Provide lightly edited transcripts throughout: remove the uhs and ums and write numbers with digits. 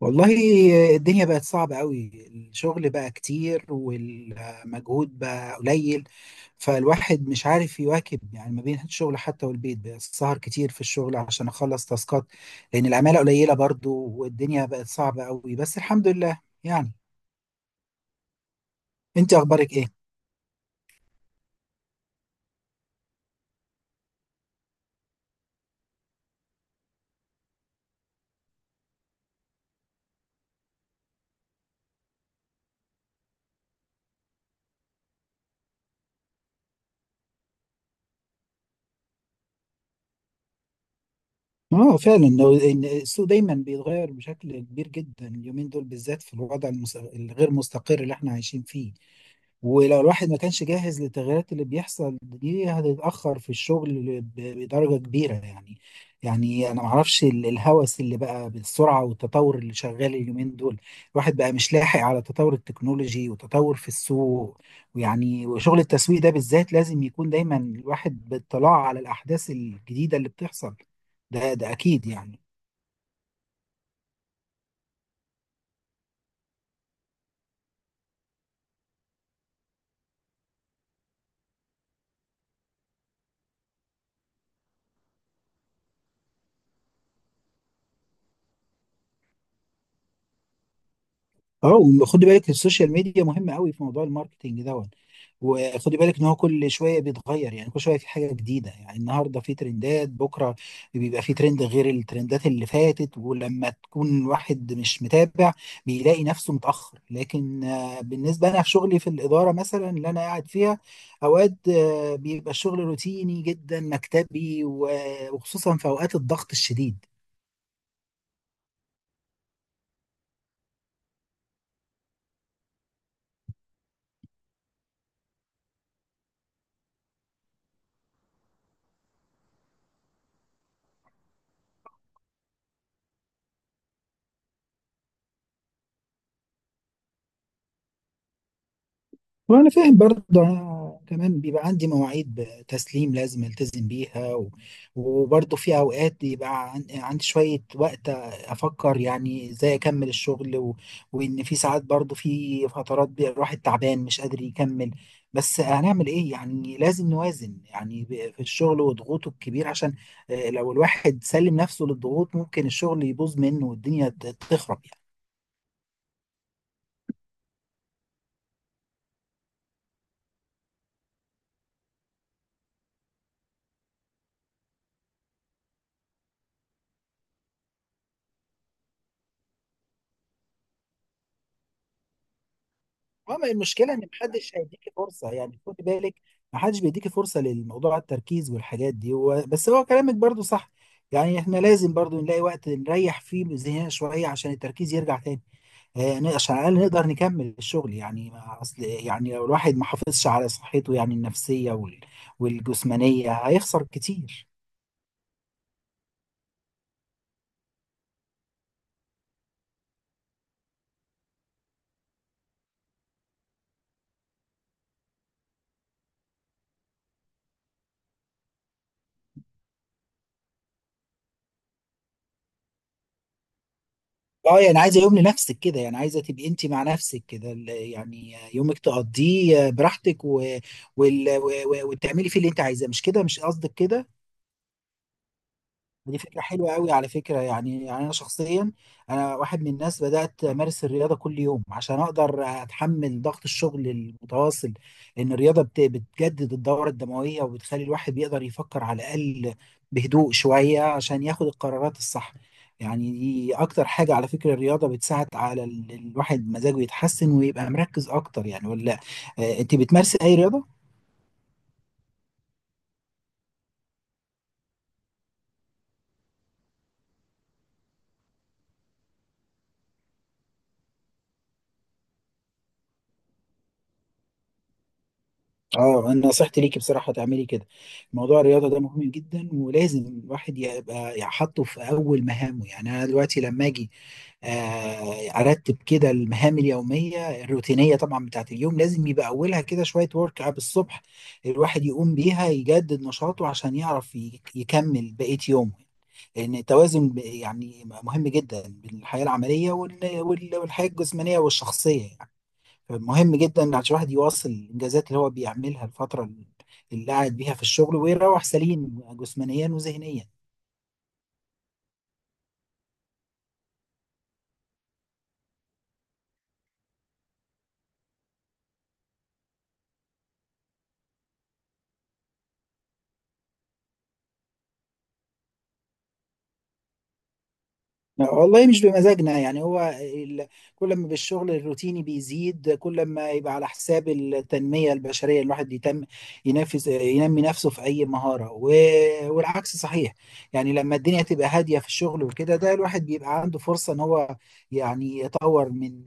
والله، الدنيا بقت صعبة قوي. الشغل بقى كتير والمجهود بقى قليل، فالواحد مش عارف يواكب. يعني ما بين الشغل حتى والبيت، بقى السهر كتير في الشغل عشان أخلص تاسكات، لأن العمالة قليلة برضو والدنيا بقت صعبة قوي. بس الحمد لله يعني. أنت أخبارك إيه؟ اه فعلا، إن السوق دايما بيتغير بشكل كبير جدا اليومين دول بالذات، في الوضع الغير مستقر اللي احنا عايشين فيه. ولو الواحد ما كانش جاهز للتغيرات اللي بيحصل دي، هتتأخر في الشغل بدرجة كبيرة يعني. يعني أنا معرفش الهوس اللي بقى بالسرعة والتطور اللي شغال اليومين دول. الواحد بقى مش لاحق على تطور التكنولوجي وتطور في السوق. ويعني وشغل التسويق ده بالذات لازم يكون دايما الواحد باطلاع على الأحداث الجديدة اللي بتحصل. ده أكيد يعني. اه، وخدي بالك السوشيال ميديا مهمه قوي في موضوع الماركتينج دوت. وخدي بالك ان هو كل شويه بيتغير، يعني كل شويه في حاجه جديده. يعني النهارده في ترندات، بكره بيبقى في ترند غير الترندات اللي فاتت. ولما تكون واحد مش متابع، بيلاقي نفسه متاخر. لكن بالنسبه انا في شغلي في الاداره مثلا اللي انا قاعد فيها، اوقات بيبقى الشغل روتيني جدا مكتبي وخصوصا في اوقات الضغط الشديد. وانا فاهم برضه. انا كمان بيبقى عندي مواعيد تسليم لازم التزم بيها، وبرضه في اوقات بيبقى عندي شويه وقت افكر يعني ازاي اكمل الشغل. وان في ساعات برضه، في فترات بيبقى الواحد تعبان مش قادر يكمل. بس هنعمل ايه؟ يعني لازم نوازن يعني في الشغل وضغوطه الكبير، عشان لو الواحد سلم نفسه للضغوط ممكن الشغل يبوظ منه، والدنيا تخرب يعني. اه، ما المشكله ان محدش هيديكي فرصه يعني. خدي بالك، محدش بيديكي فرصه للموضوع التركيز والحاجات دي. بس هو كلامك برضو صح. يعني احنا لازم برضو نلاقي وقت نريح فيه ذهننا شويه عشان التركيز يرجع تاني، آه، عشان على الاقل نقدر نكمل الشغل يعني. ما اصل يعني لو الواحد ما حافظش على صحته يعني النفسيه والجسمانيه، هيخسر كتير. اه يعني عايزه يوم لنفسك كده، يعني عايزه تبقي انت مع نفسك كده، يعني يومك تقضيه براحتك و... وال... و... و- وتعملي فيه اللي انت عايزاه. مش كده؟ مش قصدك كده؟ دي فكرة حلوة قوي على فكرة. يعني أنا شخصيا، أنا واحد من الناس بدأت أمارس الرياضة كل يوم عشان أقدر أتحمل ضغط الشغل المتواصل. إن الرياضة بتجدد الدورة الدموية، وبتخلي الواحد بيقدر يفكر على الأقل بهدوء شوية عشان ياخد القرارات الصح. يعني دي أكتر حاجة على فكرة. الرياضة بتساعد على الواحد مزاجه يتحسن ويبقى مركز أكتر يعني، ولا؟ آه، أنت بتمارسي أي رياضة؟ اه، انا نصيحتي ليكي بصراحه تعملي كده. موضوع الرياضه ده مهم جدا، ولازم الواحد يبقى يحطه في اول مهامه. يعني انا دلوقتي لما اجي ارتب كده المهام اليوميه الروتينيه طبعا بتاعت اليوم، لازم يبقى اولها كده شويه ورك اب الصبح، الواحد يقوم بيها يجدد نشاطه عشان يعرف يكمل بقيه يومه. لان التوازن يعني مهم جدا بين الحياه العمليه والحياه الجسمانيه والشخصيه يعني. مهم جدا عشان الواحد يواصل الانجازات اللي هو بيعملها الفتره اللي قاعد بيها في الشغل، ويروح سليم جسمانيا وذهنيا. والله مش بمزاجنا يعني. كل ما بالشغل الروتيني بيزيد، كل ما يبقى على حساب التنمية البشرية. الواحد يتم ينفذ، ينمي نفسه في أي مهارة. والعكس صحيح. يعني لما الدنيا تبقى هادية في الشغل وكده، ده الواحد بيبقى عنده فرصة إن هو يعني يطور من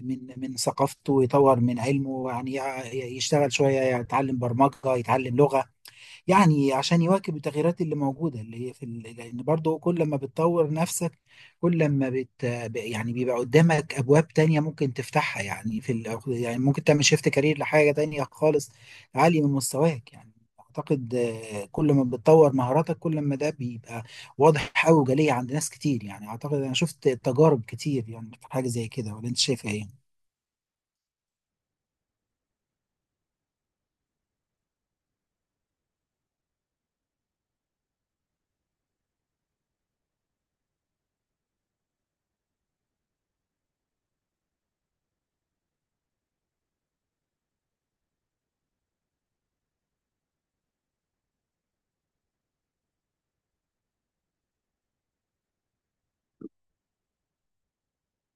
ثقافته، ويطور من علمه يعني. يشتغل شوية، يتعلم برمجة، يتعلم لغة. يعني عشان يواكب التغييرات اللي موجودة اللي هي لأن برضه كل ما بتطور نفسك، كل ما يعني بيبقى قدامك أبواب تانية ممكن تفتحها، يعني يعني ممكن تعمل شيفت كارير لحاجة تانية خالص عالية من مستواك يعني. أعتقد كل ما بتطور مهاراتك، كل ما ده بيبقى واضح أوي وجلي عند ناس كتير يعني. أعتقد أنا شفت تجارب كتير يعني في حاجة زي كده، ولا أنت شايفها إيه؟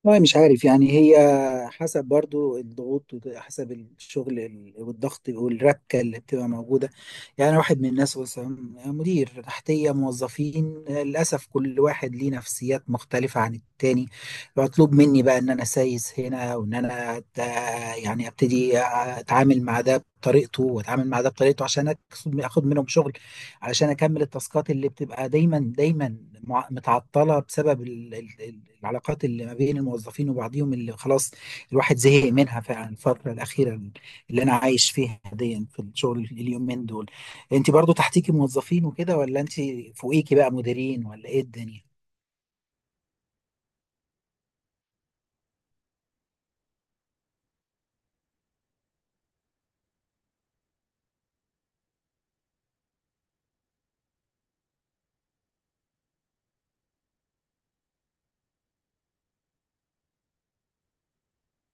والله مش عارف يعني. هي حسب برضو الضغوط، وحسب الشغل والضغط والركة اللي بتبقى موجودة. يعني واحد من الناس مثلا مدير تحتية موظفين، للأسف كل واحد ليه نفسيات مختلفة عن التاني. مطلوب مني بقى إن أنا سايس هنا، وإن أنا يعني أبتدي أتعامل مع ده بطريقته وأتعامل مع ده بطريقته، عشان أخد منهم شغل علشان اكمل التاسكات اللي بتبقى دايما دايما متعطله بسبب العلاقات اللي ما بين الموظفين وبعضهم، اللي خلاص الواحد زهق منها فعلا الفتره الاخيره اللي انا عايش فيها دي في الشغل اليومين دول. انت برضو تحتيكي موظفين وكده، ولا انت فوقيكي بقى مديرين، ولا ايه الدنيا؟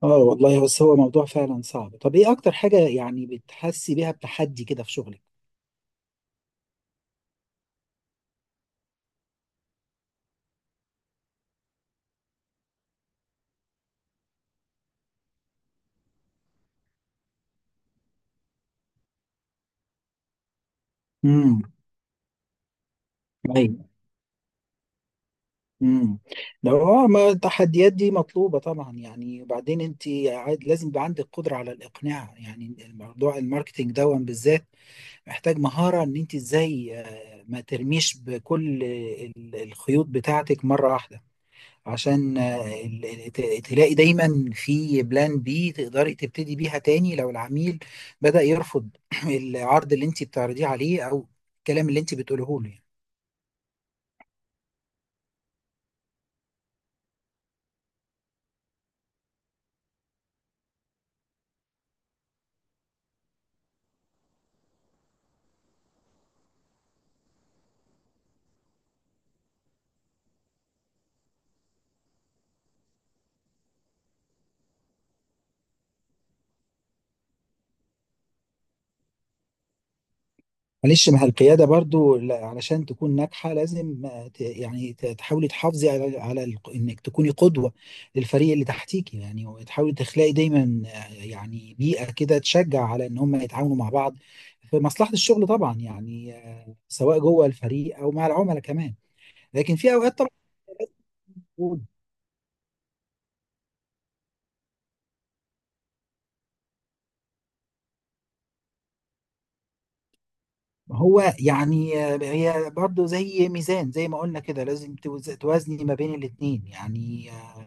اه والله، بس هو موضوع فعلا صعب. طب ايه اكتر حاجة يعني بتحسي بيها بتحدي كده في شغلك؟ امم. امم. لو ما التحديات دي مطلوبه طبعا يعني. وبعدين انت لازم يبقى عندك قدره على الاقناع. يعني الموضوع الماركتينج ده بالذات محتاج مهاره ان انت ازاي ما ترميش بكل الخيوط بتاعتك مره واحده، عشان تلاقي دايما في بلان بي تقدري تبتدي بيها تاني، لو العميل بدأ يرفض العرض اللي انت بتعرضيه عليه، او الكلام اللي انت بتقوله له يعني. معلش، ما هي القيادة برضو علشان تكون ناجحة لازم تحاولي تحافظي على انك تكوني قدوة للفريق اللي تحتيكي يعني، وتحاولي تخلقي دايما يعني بيئة كده تشجع على ان هم يتعاونوا مع بعض في مصلحة الشغل طبعا يعني، سواء جوه الفريق او مع العملاء كمان. لكن في اوقات طبعا. هو يعني، هي برضه زي ميزان زي ما قلنا كده، لازم توازني ما بين الاتنين يعني.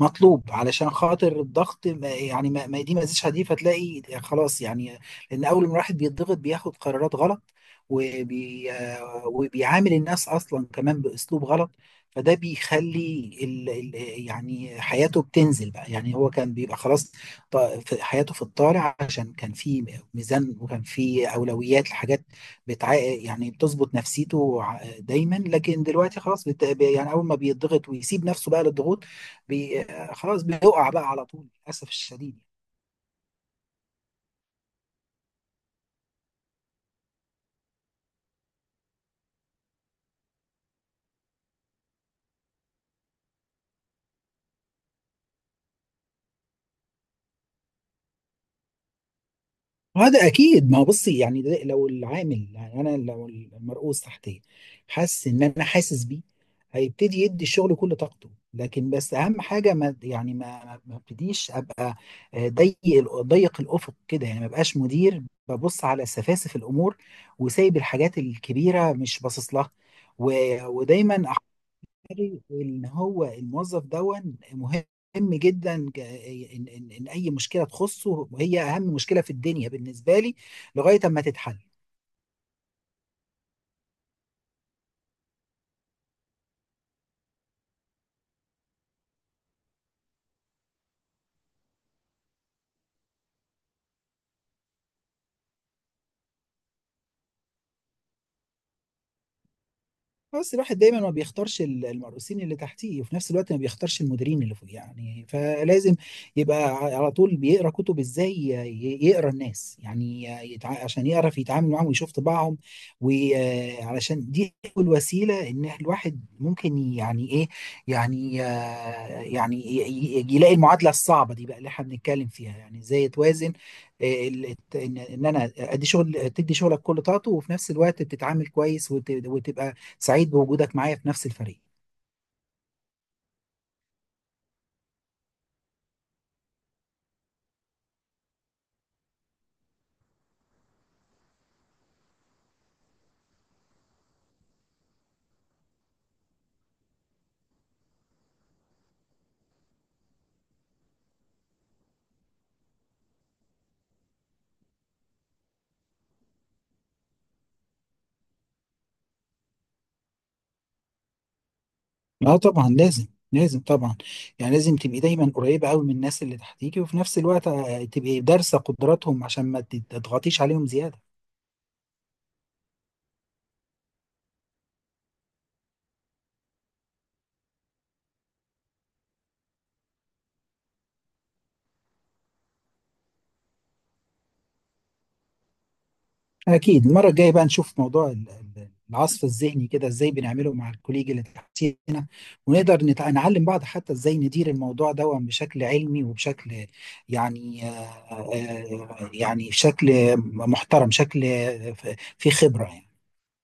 مطلوب علشان خاطر الضغط، دي ما زيش حديد فتلاقي خلاص يعني. لان اول ما الواحد بيتضغط بياخد قرارات غلط، وبيعامل الناس اصلا كمان باسلوب غلط. فده بيخلي ال ال يعني حياته بتنزل بقى. يعني هو كان بيبقى خلاص حياته في الطالع، عشان كان في ميزان وكان في اولويات لحاجات يعني بتظبط نفسيته دايما. لكن دلوقتي خلاص يعني اول ما بيضغط ويسيب نفسه بقى للضغوط، بي... خلاص بيقع بقى على طول للاسف الشديد. هذا اكيد. ما هو بصي يعني، لو العامل، يعني انا، لو المرؤوس تحتي حاسس ان انا حاسس بيه، هيبتدي يدي الشغل كل طاقته. لكن بس اهم حاجه ما يعني ما ابتديش ابقى ضيق ضيق الافق كده يعني، ما بقاش مدير ببص على سفاسف الامور وسايب الحاجات الكبيره مش باصص لها. ودايما الإداري إن هو الموظف دون مهم جدا، إن أي مشكلة تخصه وهي أهم مشكلة في الدنيا بالنسبة لي، لغاية أما تتحل. بس الواحد دايما ما بيختارش المرؤوسين اللي تحتيه، وفي نفس الوقت ما بيختارش المديرين اللي فوق يعني. فلازم يبقى على طول بيقرا كتب ازاي يقرا الناس يعني عشان يعرف يتعامل معاهم ويشوف طباعهم. وعلشان دي الوسيله، ان الواحد ممكن يعني ايه، يعني يلاقي المعادله الصعبه دي بقى اللي احنا بنتكلم فيها. يعني ازاي توازن آه، ال- الت- ان إن انا ادي شغل، تدي شغلك كل طاقته، وفي نفس الوقت بتتعامل كويس وتبقى سعيد بوجودك معايا في نفس الفريق. اه طبعا لازم. لازم طبعا. يعني لازم تبقي دايما قريبة قوي من الناس اللي تحتيكي، وفي نفس الوقت تبقي دارسة قدراتهم عشان ما تضغطيش عليهم زيادة. اكيد، المرة الجاية بقى نشوف موضوع العصف الذهني، كده ازاي بنعمله مع الكوليج اللي تحتينا، ونقدر نعلم بعض حتى ازاي ندير الموضوع ده بشكل علمي وبشكل، يعني يعني بشكل محترم، شكل في خبرة يعني.